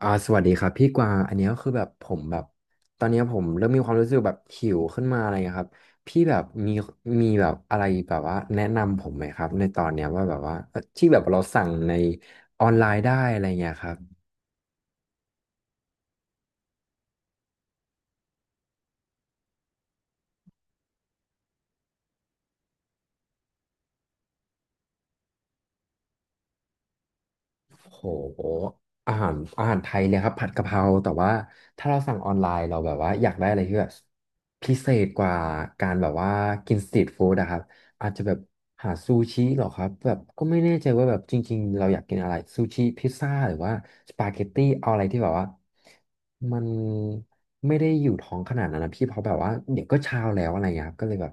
สวัสดีครับพี่กวางอันเนี้ยคือแบบผมแบบตอนเนี้ยผมเริ่มมีความรู้สึกแบบหิวขึ้นมาอะไรเงี้ยครับพี่แบบมีแบบอะไรแบบว่าแนะนำผมไหมครับในตอนเนี้ยว่าแบบว่าที่แบบเราสั่งในออนไลน์ได้อะไรเงี้ยครับ โหอาหารไทยเนี่ยครับผัดกะเพราแต่ว่าถ้าเราสั่งออนไลน์เราแบบว่าอยากได้อะไรที่แบบพิเศษกว่าการแบบว่ากินสตรีทฟู้ดอะครับอาจจะแบบหาซูชิเหรอครับแบบก็ไม่แน่ใจว่าแบบจริงๆเราอยากกินอะไรซูชิพิซซ่าหรือว่าสปาเกตตี้เอาอะไรที่แบบว่ามันไม่ได้อยู่ท้องขนาดนั้นนะพี่เพราะแบบว่าเดี๋ยวก็เช้าแล้วอะไรอย่างเงี้ยครับก็เลยแบบ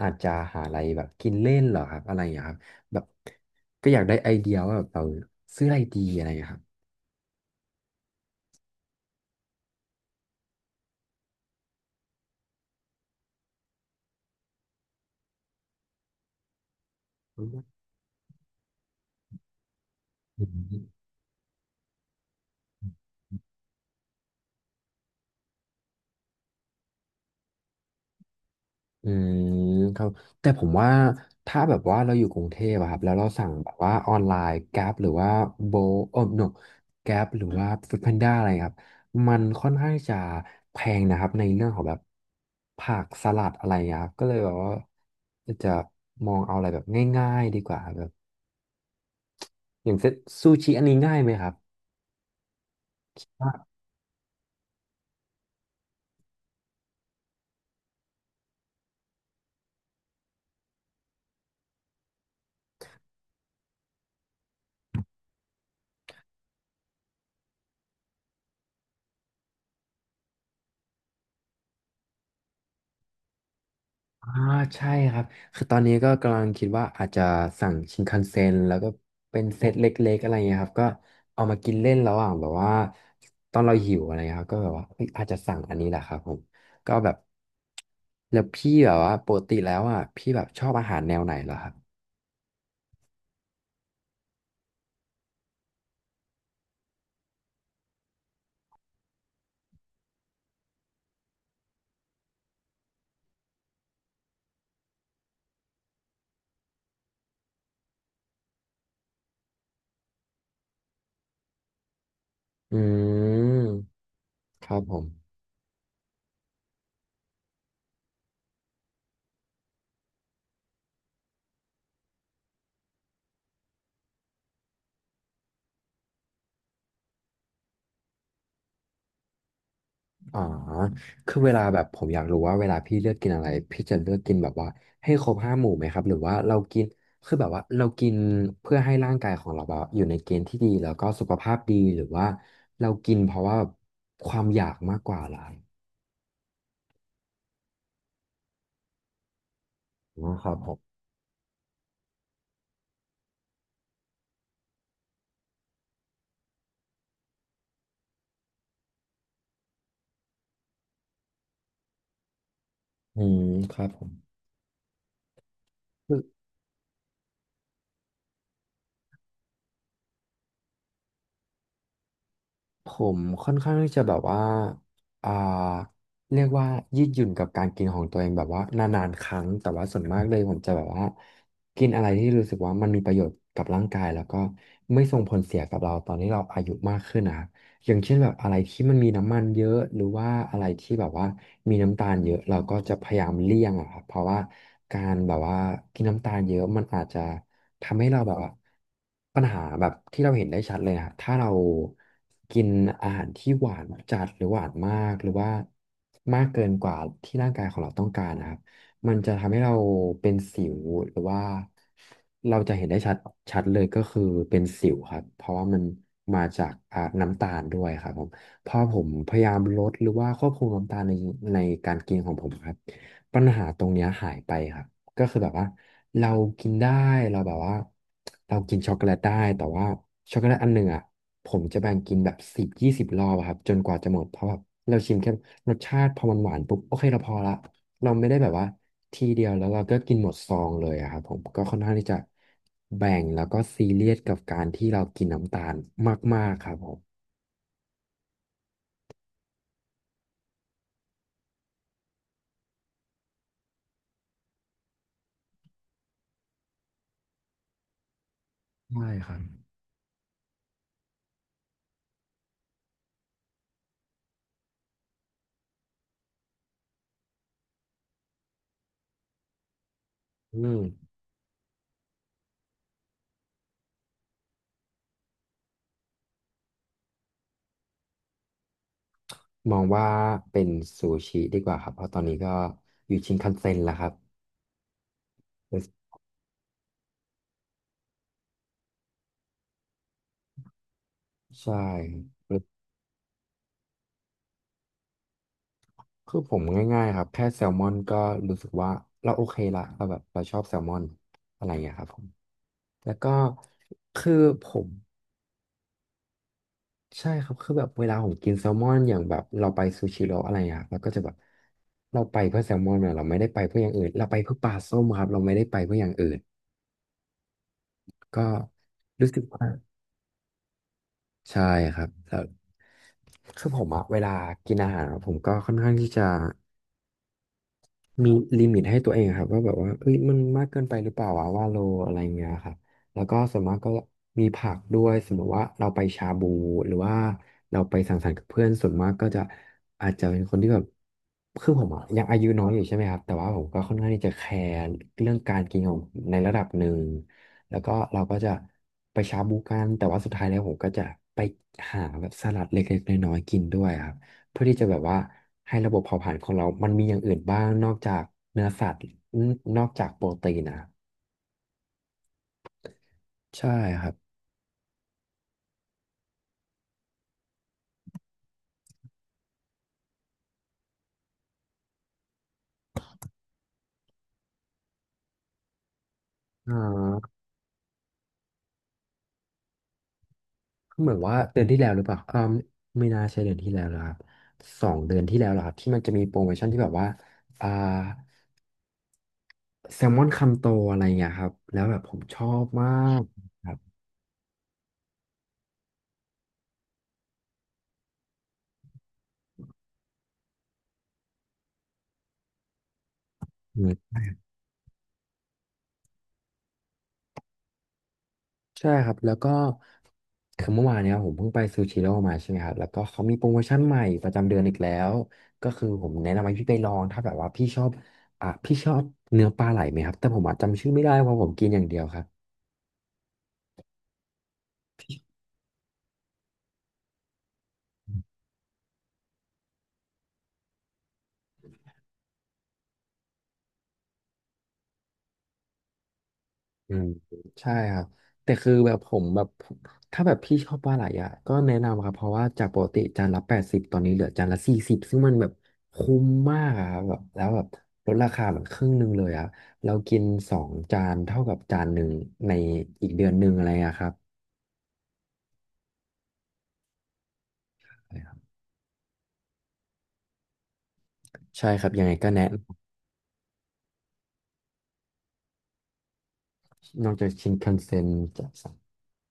อาจจะหาอะไรแบบกินเล่นเหรอครับอะไรอย่างเงี้ยครับแบบก็อยากได้ไอเดียว่าแบบเราซื้ออะไรดีอะไรอย่างเงี้ยครับอืมอืมครับแต่ผมว่าถ้าแบบว่าเราอยู่กรุงเทพอะครับแล้วเราสั่งแบบว่าออนไลน์ Grab หรือว่าโบโอ้ no Grab หรือว่า f o o d พ a n ้าอะไรครับมันค่อนข้างจะแพงนะครับในเรื่องของแบบผักสลัดอะไรอย่างเงี้ยครับก็เลยแบบว่าจะมองเอาอะไรแบบง่ายๆดีกว่าครับแบบอย่างเซตซูชิอันนี้ง่ายไหมครับ อ่าใช่ครับคือตอนนี้ก็กำลังคิดว่าอาจจะสั่งชินคันเซ็นแล้วก็เป็นเซตเล็กๆอะไรเงี้ยครับก็เอามากินเล่นระหว่างแบบว่าตอนเราหิวอะไรเงี้ยครับก็แบบว่าเอ้ยอาจจะสั่งอันนี้แหละครับผมก็แบบแล้วพี่แบบว่าปกติแล้วอ่ะพี่แบบชอบอาหารแนวไหนเหรอครับอืมครับผม อ๋อคือเวลาแบบผมอยากรู้ว่าเวลาพี่เลือกกินอะไรพี่จะเลือกกินแบบว่าให้ครบห้าหมู่ไหมครับหรือว่าเรากินคือแบบว่าเรากินเพื่อให้ร่างกายของเราแบบอยู่ในเกณฑ์ที่ดีแล้วก็สุขภาพดีหรือว่าเรากินเพราะว่าความอยากมากกว่าอะไรนะครับผมอืมครับผม ผมค่อนข้างที่จะแบบว่าอ่าเรียกว่ายืดหยุ่นกับการกินของตัวเองแบบว่านานๆครั้งแต่ว่าส่วนมากเลยผมจะแบบว่ากินอะไรที่รู้สึกว่ามันมีประโยชน์กับร่างกายแล้วก็ไม่ส่งผลเสียกับเราตอนที่เราอายุมากขึ้นนะครับอย่างเช่นแบบอะไรที่มันมีน้ำมันเยอะหรือว่าอะไรที่แบบว่ามีน้ำตาลเยอะเราก็จะพยายามเลี่ยงอะครับเพราะว่าการแบบว่ากินน้ำตาลเยอะมันอาจจะ ทำให้เราแบบว่าปัญหาแบบที่เราเห็นได้ชัดเลยนะถ้าเรากินอาหารที่หวานจัดหรือหวานมากหรือว่ามากเกินกว่าที่ร่างกายของเราต้องการนะครับมันจะทำให้เราเป็นสิวหรือว่าเราจะเห็นได้ชัดเลยก็คือเป็นสิวครับเพราะว่ามันมาจากน้ำตาลด้วยครับผมพอผมพยายามลดหรือว่าควบคุมน้ำตาลในการกินของผมครับปัญหาตรงเนี้ยหายไปครับ ก็คือแบบว่าเรากินได้เราแบบว่าเรากินช็อกโกแลตได้แต่ว่าช็อกโกแลตอันหนึ่งอ่ะผมจะแบ่งกินแบบสิบยี่สิบรอบอะครับจนกว่าจะหมดเพราะแบบเราชิมแค่รสชาติพอมันหวานปุ๊บโอเคเราพอละเราไม่ได้แบบว่าทีเดียวแล้วเราก็กินหมดซองเลยอะครับผมก็ค่อนข้างที่จะแบ่งแล้วก็ซีเรียสกับการที่เรากินน้ำตาลมากๆครับผมใช่ครับอืมมองว่าเป็นซูชิดีกว่าครับเพราะตอนนี้ก็อยู่ชินคันเซ็นแล้วครับ ใช่ครับคือผมง่ายๆครับแค่แซลมอนก็รู้สึกว่าเราโอเคละเราแบบเราชอบแซลมอนอะไรอย่างเงี้ยครับผมแล้วก็คือผมใช่ครับคือแบบเวลาผมกินแซลมอนอย่างแบบเราไปซูชิโร่อะไรอย่างเงี้ยครับเราก็จะแบบเราไปเพื่อแซลมอนเนี่ยเราไม่ได้ไปเพื่ออย่างอื่นเราไปเพื่อปลาส้มครับเราไม่ได้ไปเพื่ออย่างอื่นก็รู้สึกว่าใช่ครับแล้วคือผมอะเวลากินอาหารอะผมก็ค่อนข้างที่จะ มีลิมิตให้ตัวเองครับว่าแบบว่าเอ้ยมันมากเกินไปหรือเปล่าวะว่าโลอะไรเงี้ยครับแล้วก็ส่วนมากก็มีผักด้วยสมมติว่าเราไปชาบูหรือว่าเราไปสังสรรค์กับเพื่อนส่วนมากก็จะอาจจะเป็นคนที่แบบคือผมอะยังอายุน้อยอยู่ใช่ไหมครับแต่ว่าผมก็ค่อนข้างที่จะแคร์เรื่องการกินของผมในระดับหนึ่งแล้วก็เราก็จะไปชาบูกันแต่ว่าสุดท้ายแล้วผมก็จะไปหาแบบสลัดเล็กๆน้อยๆกินด้วยครับ เพื่อที่จะแบบว่าให้ระบบเผาผลาญของเรา มันมีอย่างอื่นบ้างนอกจากเนื้อสัตว์นอกจากโปรตีนนะใช่ครับอ่าเหมือนว่าเดือนที่แล้วหรือเปล่าไม่น่าใช่เดือนที่แล้วแลครับสองเดือนที่แล้วเหรอครับที่มันจะมีโปรโมชั่นที่แบบว่าอ่าแซลมอนคำโตอะไรเงี้ยครับแล้วแบบผมชอบมากครับ ใช่ครับแล้วก็คือเมื่อวานเนี้ยผมเพิ่งไปซูชิโร่มาใช่ไหมครับแล้วก็เขามีโปรโมชั่นใหม่ประจำเดือนอีกแล้วก็คือผมแนะนำให้พี่ไปลองถ้าแบบว่าพี่ชอบอ่ะพี่ชอบเนื้อปลาไหลไหมครับแต่ผมอะจำชื่อไม่ได้เพราะผมกินอย่างเดียวครับ อืมใช่ครับแต่คือแบบผมแบบถ้าแบบพี่ชอบปลาไหลอ่ะก็แนะนำครับเพราะว่าจากปกติจานละ80ตอนนี้เหลือจานละ40ซึ่งมันแบบคุ้มมากอะครับแบบแล้วแบบลดราคาแบบครึ่งหนึ่งเลยอ่ะเรากินสองจานเท่ากับจานหนึ่งในอีกเดือนหนึ่งอะไรอะครับใช่ครับยังไงก็แนะ นอกจากชินคันเซ็นจะสั่ง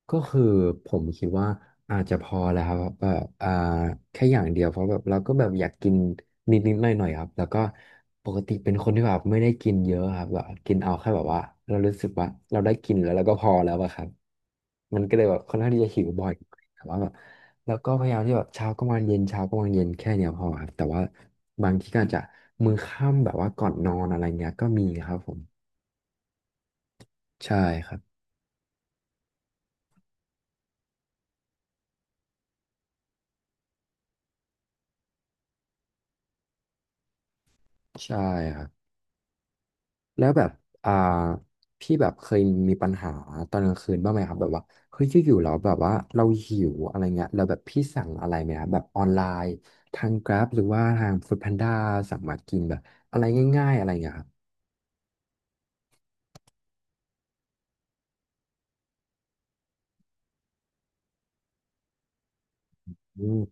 ก็คือผมคิดว่าอาจจะพอแล้วครับแบบแค่อย่างเดียวเพราะแบบเราก็แบบอยากกินนิดนิดหน่อยหน่อยๆครับแล้วก็ปกติเป็นคนที่แบบไม่ได้กินเยอะครับแบบกินเอาแค่แบบว่าเรารู้สึกว่าเราได้กินแล้วเราก็พอแล้วอะครับมันก็เลยแบบค่อนข้างที่จะหิวบ่อยแต่ว่าแบบแล้วก็พยายามที่แบบเช้าก็มาเย็นเช้าก็มาเย็นแค่เนี้ยพอครับแต่ว่าบางทีก็อาจจะมื้อค่ำแบบว่าก่อนนอนอะไรเงี้ยก็มีครับผมใช่ครับใช่ครับ แล้วแบบอ่าพี่แบบเคยมีปัญหาตอนกลางคืนบ้างไหมครับแบบว่าเฮ้ยอยู่ๆเราแบบว่าเราหิวอะไรเงี้ยแล้วแบบพี่สั่งอะไรไหมครับแบบออนไลน์ทาง Grab หรือว่าทาง Food Panda สั่งมากินแบบอะไรง่ายๆอะไรเงี้ยครับอืม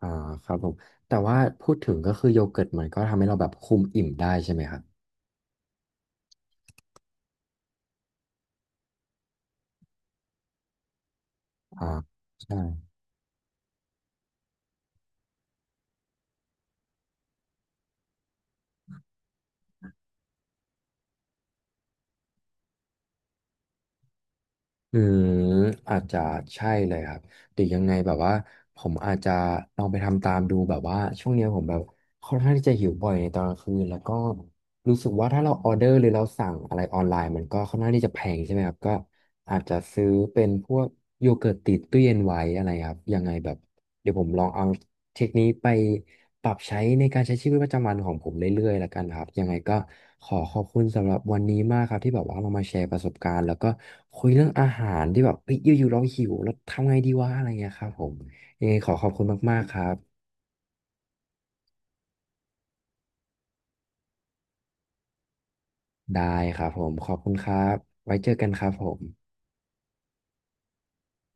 อ่าครับผมแต่ว่าพูดถึงก็คือโยเกิร์ตมันก็ทำให้เราแบบคุมอิ่มได้ใช่ไหมครับอ่าใช่ อืมอาจจะใช่เลยครับหรือยังไงแบบว่าผมอาจจะลองไปทำตามดูแบบว่าช่วงเนี้ยผมแบบค่อนข้างที่จะหิวบ่อยในตอนกลางคืนแล้วก็ รู้สึกว่าถ้าเราออเดอร์หรือเราสั่งอะไรออนไลน์มันก็ค่อนข้างที่จะแพงใช่ไหมครับก็อาจจะซื้อเป็นพวกโยเกิร์ตติดตู้เย็นไว้อะไรครับยังไงแบบเดี๋ยวผมลองเอาเทคนิคไปปรับใช้ในการใช้ชีวิตประจำวันของผมเรื่อยๆแล้วกันครับยังไงก็ขอขอบคุณสำหรับวันนี้มากครับที่แบบว่าเรามาแชร์ประสบการณ์แล้วก็คุยเรื่องอาหารที่แบบเอ้ยอยู่ๆเราหิวแล้วทำไงดีวะอะไรเงี้ยครับผมยังไงขอขอบคุณมากๆครับได้ครับผมขอบคุณครับไว้เจอกันครับผม